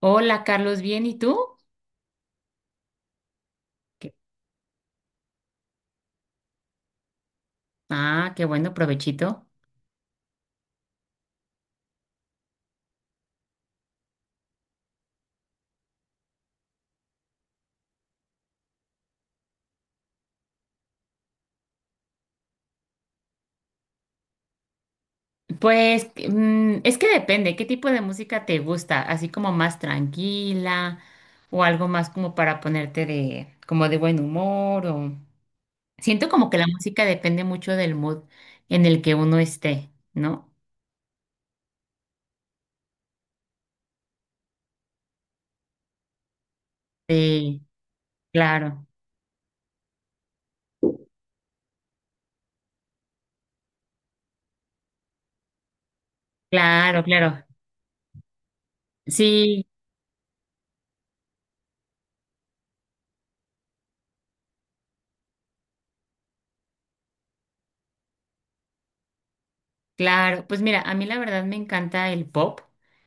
Hola, Carlos, ¿bien? ¿Y tú? ¿Qué- Ah, qué bueno, provechito. Pues es que depende, ¿qué tipo de música te gusta? Así como más tranquila o algo más como para ponerte de como de buen humor, o siento como que la música depende mucho del mood en el que uno esté, ¿no? Sí, claro, claro, claro. Sí, claro, pues mira, a mí la verdad me encanta el pop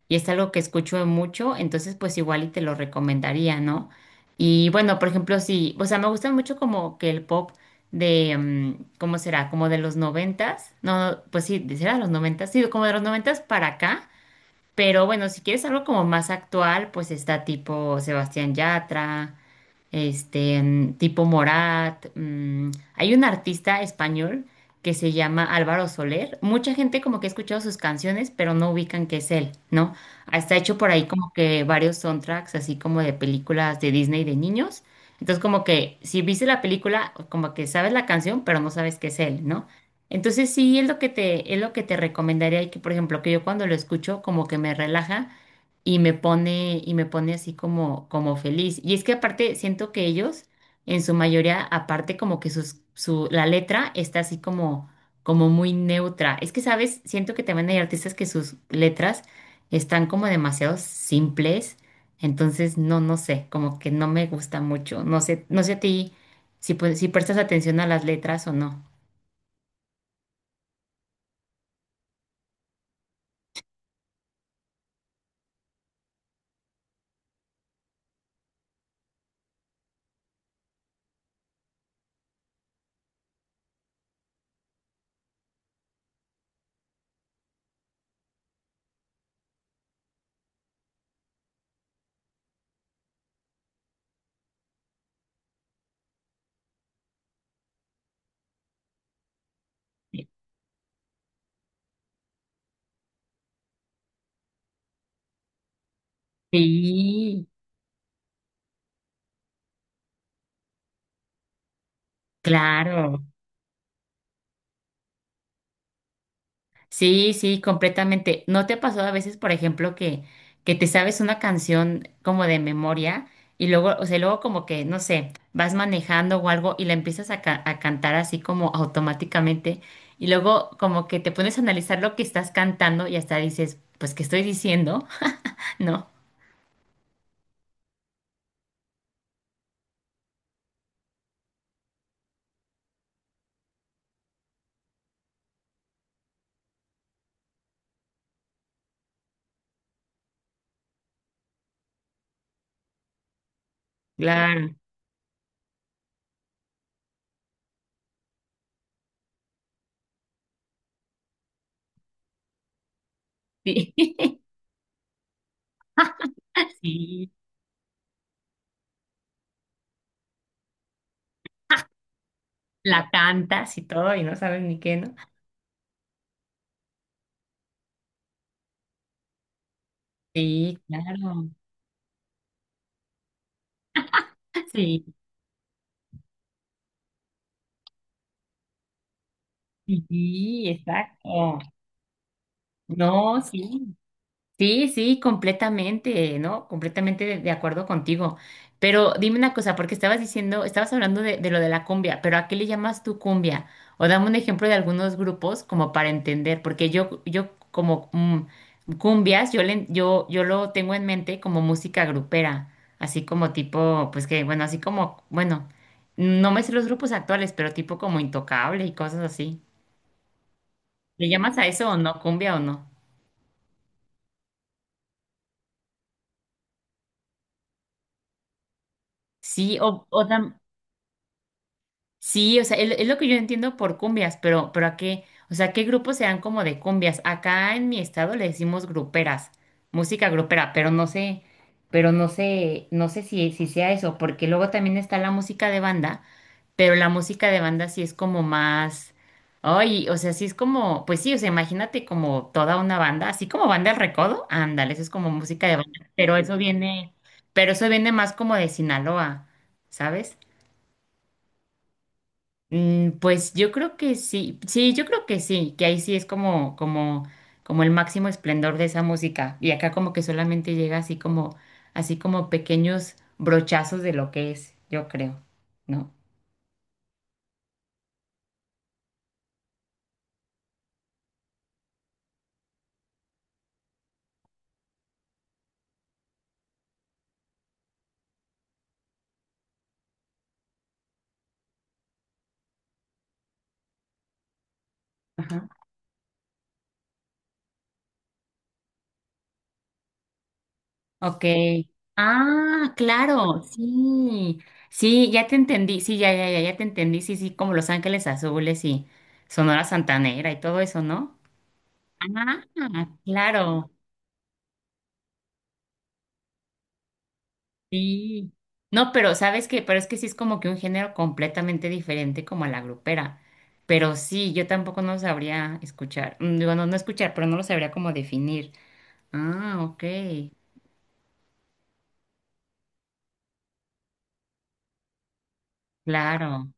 y es algo que escucho mucho, entonces pues igual y te lo recomendaría, ¿no? Y bueno, por ejemplo, sí, o sea, me gustan mucho como que el pop de, ¿cómo será? Como de los noventas, no, pues sí, será de los noventas, sí, como de los noventas para acá, pero bueno, si quieres algo como más actual, pues está tipo Sebastián Yatra, este, tipo Morat. Hay un artista español que se llama Álvaro Soler. Mucha gente como que ha escuchado sus canciones, pero no ubican que es él, ¿no? Hasta ha hecho por ahí como que varios soundtracks, así como de películas de Disney de niños. Entonces como que si viste la película, como que sabes la canción, pero no sabes que es él, ¿no? Entonces sí, es lo que te, es lo que te recomendaría, y que, por ejemplo, que yo cuando lo escucho como que me relaja y me pone así como, como feliz. Y es que aparte siento que ellos, en su mayoría, aparte como que sus, su, la letra está así como, como muy neutra. Es que, ¿sabes? Siento que también hay artistas que sus letras están como demasiado simples. Entonces, no, no sé, como que no me gusta mucho. No sé, no sé a ti si, pues, si prestas atención a las letras o no. Sí, claro. Sí, sí, completamente. ¿No te ha pasado a veces, por ejemplo, que, te sabes una canción como de memoria y luego, o sea, luego como que, no sé, vas manejando o algo y la empiezas a cantar así como automáticamente, y luego como que te pones a analizar lo que estás cantando y hasta dices, pues, ¿qué estoy diciendo? ¿No? Claro, sí. Sí, la cantas y todo y no sabes ni qué, ¿no? Sí, claro. Sí, sí, exacto. No, sí. Sí, sí, completamente, ¿no? Completamente de acuerdo contigo. Pero dime una cosa, porque estabas diciendo, estabas hablando de, lo de la cumbia, pero ¿a qué le llamas tú cumbia? O dame un ejemplo de algunos grupos como para entender, porque yo como cumbias, yo, le, yo lo tengo en mente como música grupera, así como tipo, pues que, bueno, así como, bueno, no me sé los grupos actuales, pero tipo como Intocable y cosas así. ¿Le llamas a eso o no, cumbia o no? Sí, sí, o sea, es, lo que yo entiendo por cumbias, pero ¿a qué? O sea, ¿qué grupos sean como de cumbias? Acá en mi estado le decimos gruperas, música grupera, pero no sé, no sé si sea eso, porque luego también está la música de banda, pero la música de banda sí es como más, ay, o sea, sí es como, pues sí, o sea, imagínate como toda una banda, así como banda El Recodo, ándale, eso es como música de banda, pero eso viene más como de Sinaloa, ¿sabes? Pues yo creo que sí, sí, yo creo que sí, que ahí sí es como, el máximo esplendor de esa música. Y acá como que solamente llega así como pequeños brochazos de lo que es, yo creo, ¿no? Ajá. Ok. Ah, claro, sí. Sí, ya te entendí. Sí, ya, ya, ya, ya te entendí. Sí, sí, como Los Ángeles Azules y Sonora Santanera y todo eso, ¿no? Ah, claro. Sí. No, pero sabes que, pero es que sí es como que un género completamente diferente como a la grupera. Pero sí, yo tampoco no sabría escuchar. Digo, no, no escuchar, pero no lo sabría como definir. Ah, ok. Claro,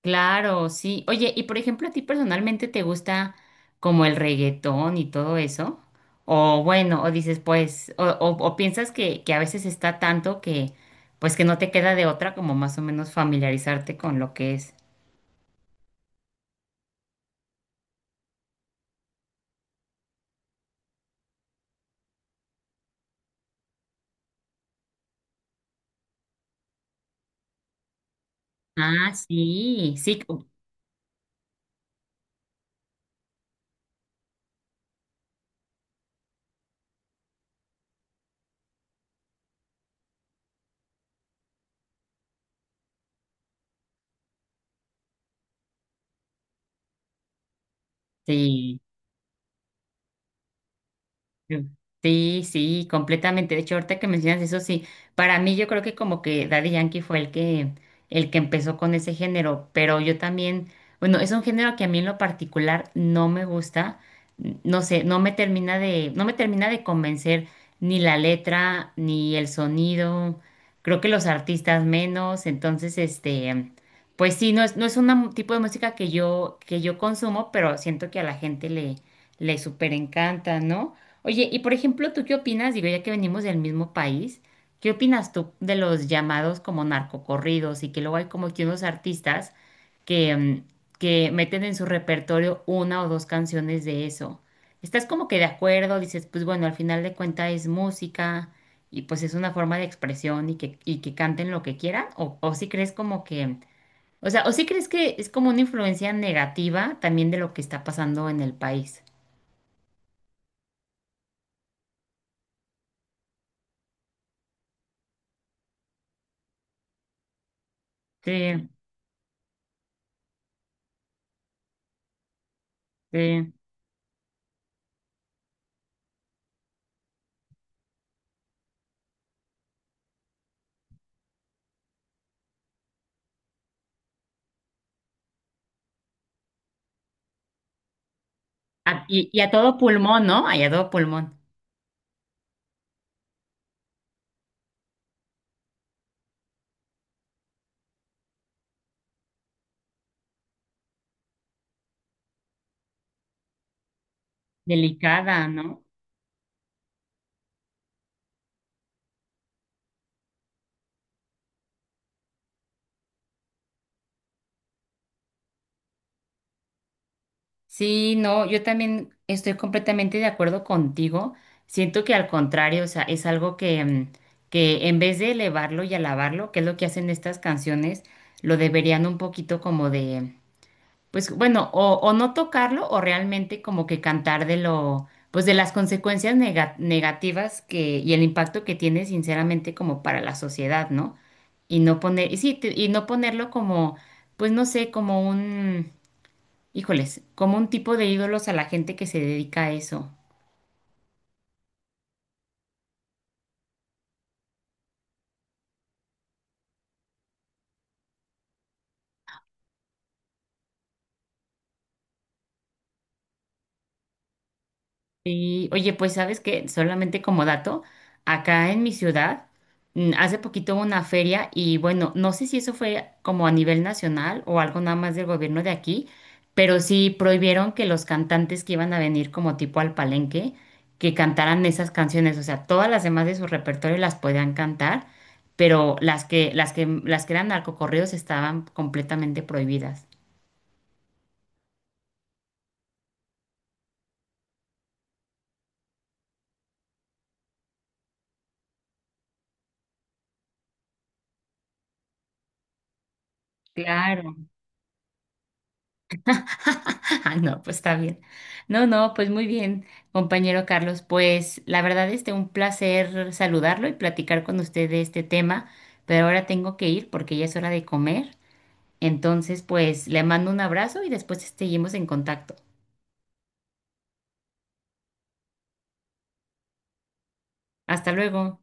claro, sí. Oye, y por ejemplo, ¿a ti personalmente te gusta como el reggaetón y todo eso? O bueno, o dices, pues, o piensas que, a veces está tanto que, pues que no te queda de otra como más o menos familiarizarte con lo que es. Ah, sí, sí, sí. Sí, sí, completamente. De hecho, ahorita que mencionas eso, sí, para mí yo creo que como que Daddy Yankee fue el que, empezó con ese género, pero yo también, bueno, es un género que a mí en lo particular no me gusta, no sé, no me termina de, convencer ni la letra, ni el sonido, creo que los artistas menos, entonces, este, pues sí, no es, un tipo de música que yo consumo, pero siento que a la gente le súper encanta, ¿no? Oye, y por ejemplo, ¿tú qué opinas? Digo, ya que venimos del mismo país, ¿qué opinas tú de los llamados como narcocorridos y que luego hay como que unos artistas que, que meten en su repertorio una o dos canciones de eso? ¿Estás como que de acuerdo? Dices, pues bueno, al final de cuentas es música y pues es una forma de expresión y que, canten lo que quieran, o si crees como que, o sea, o si crees que es como una influencia negativa también de lo que está pasando en el país. Sí, sí. Y a todo pulmón, ¿no? Y a todo pulmón. Delicada, ¿no? Sí, no, yo también estoy completamente de acuerdo contigo. Siento que al contrario, o sea, es algo que, que en vez de elevarlo y alabarlo, que es lo que hacen estas canciones, lo deberían un poquito como de, pues bueno, o no tocarlo o realmente como que cantar de lo, pues de las consecuencias negativas que y el impacto que tiene sinceramente como para la sociedad, ¿no? Y no poner, y sí, y no ponerlo como, pues no sé, como un, híjoles, como un tipo de ídolos a la gente que se dedica a eso. Y oye, pues sabes que solamente como dato, acá en mi ciudad, hace poquito hubo una feria y bueno, no sé si eso fue como a nivel nacional o algo nada más del gobierno de aquí, pero sí prohibieron que los cantantes que iban a venir como tipo al palenque, que cantaran esas canciones, o sea, todas las demás de su repertorio las podían cantar, pero las que, eran narcocorridos estaban completamente prohibidas. Claro. Ah, no, pues está bien. No, no, pues muy bien, compañero Carlos. Pues la verdad, este, un placer saludarlo y platicar con usted de este tema, pero ahora tengo que ir porque ya es hora de comer. Entonces, pues le mando un abrazo y después este, seguimos en contacto. Hasta luego.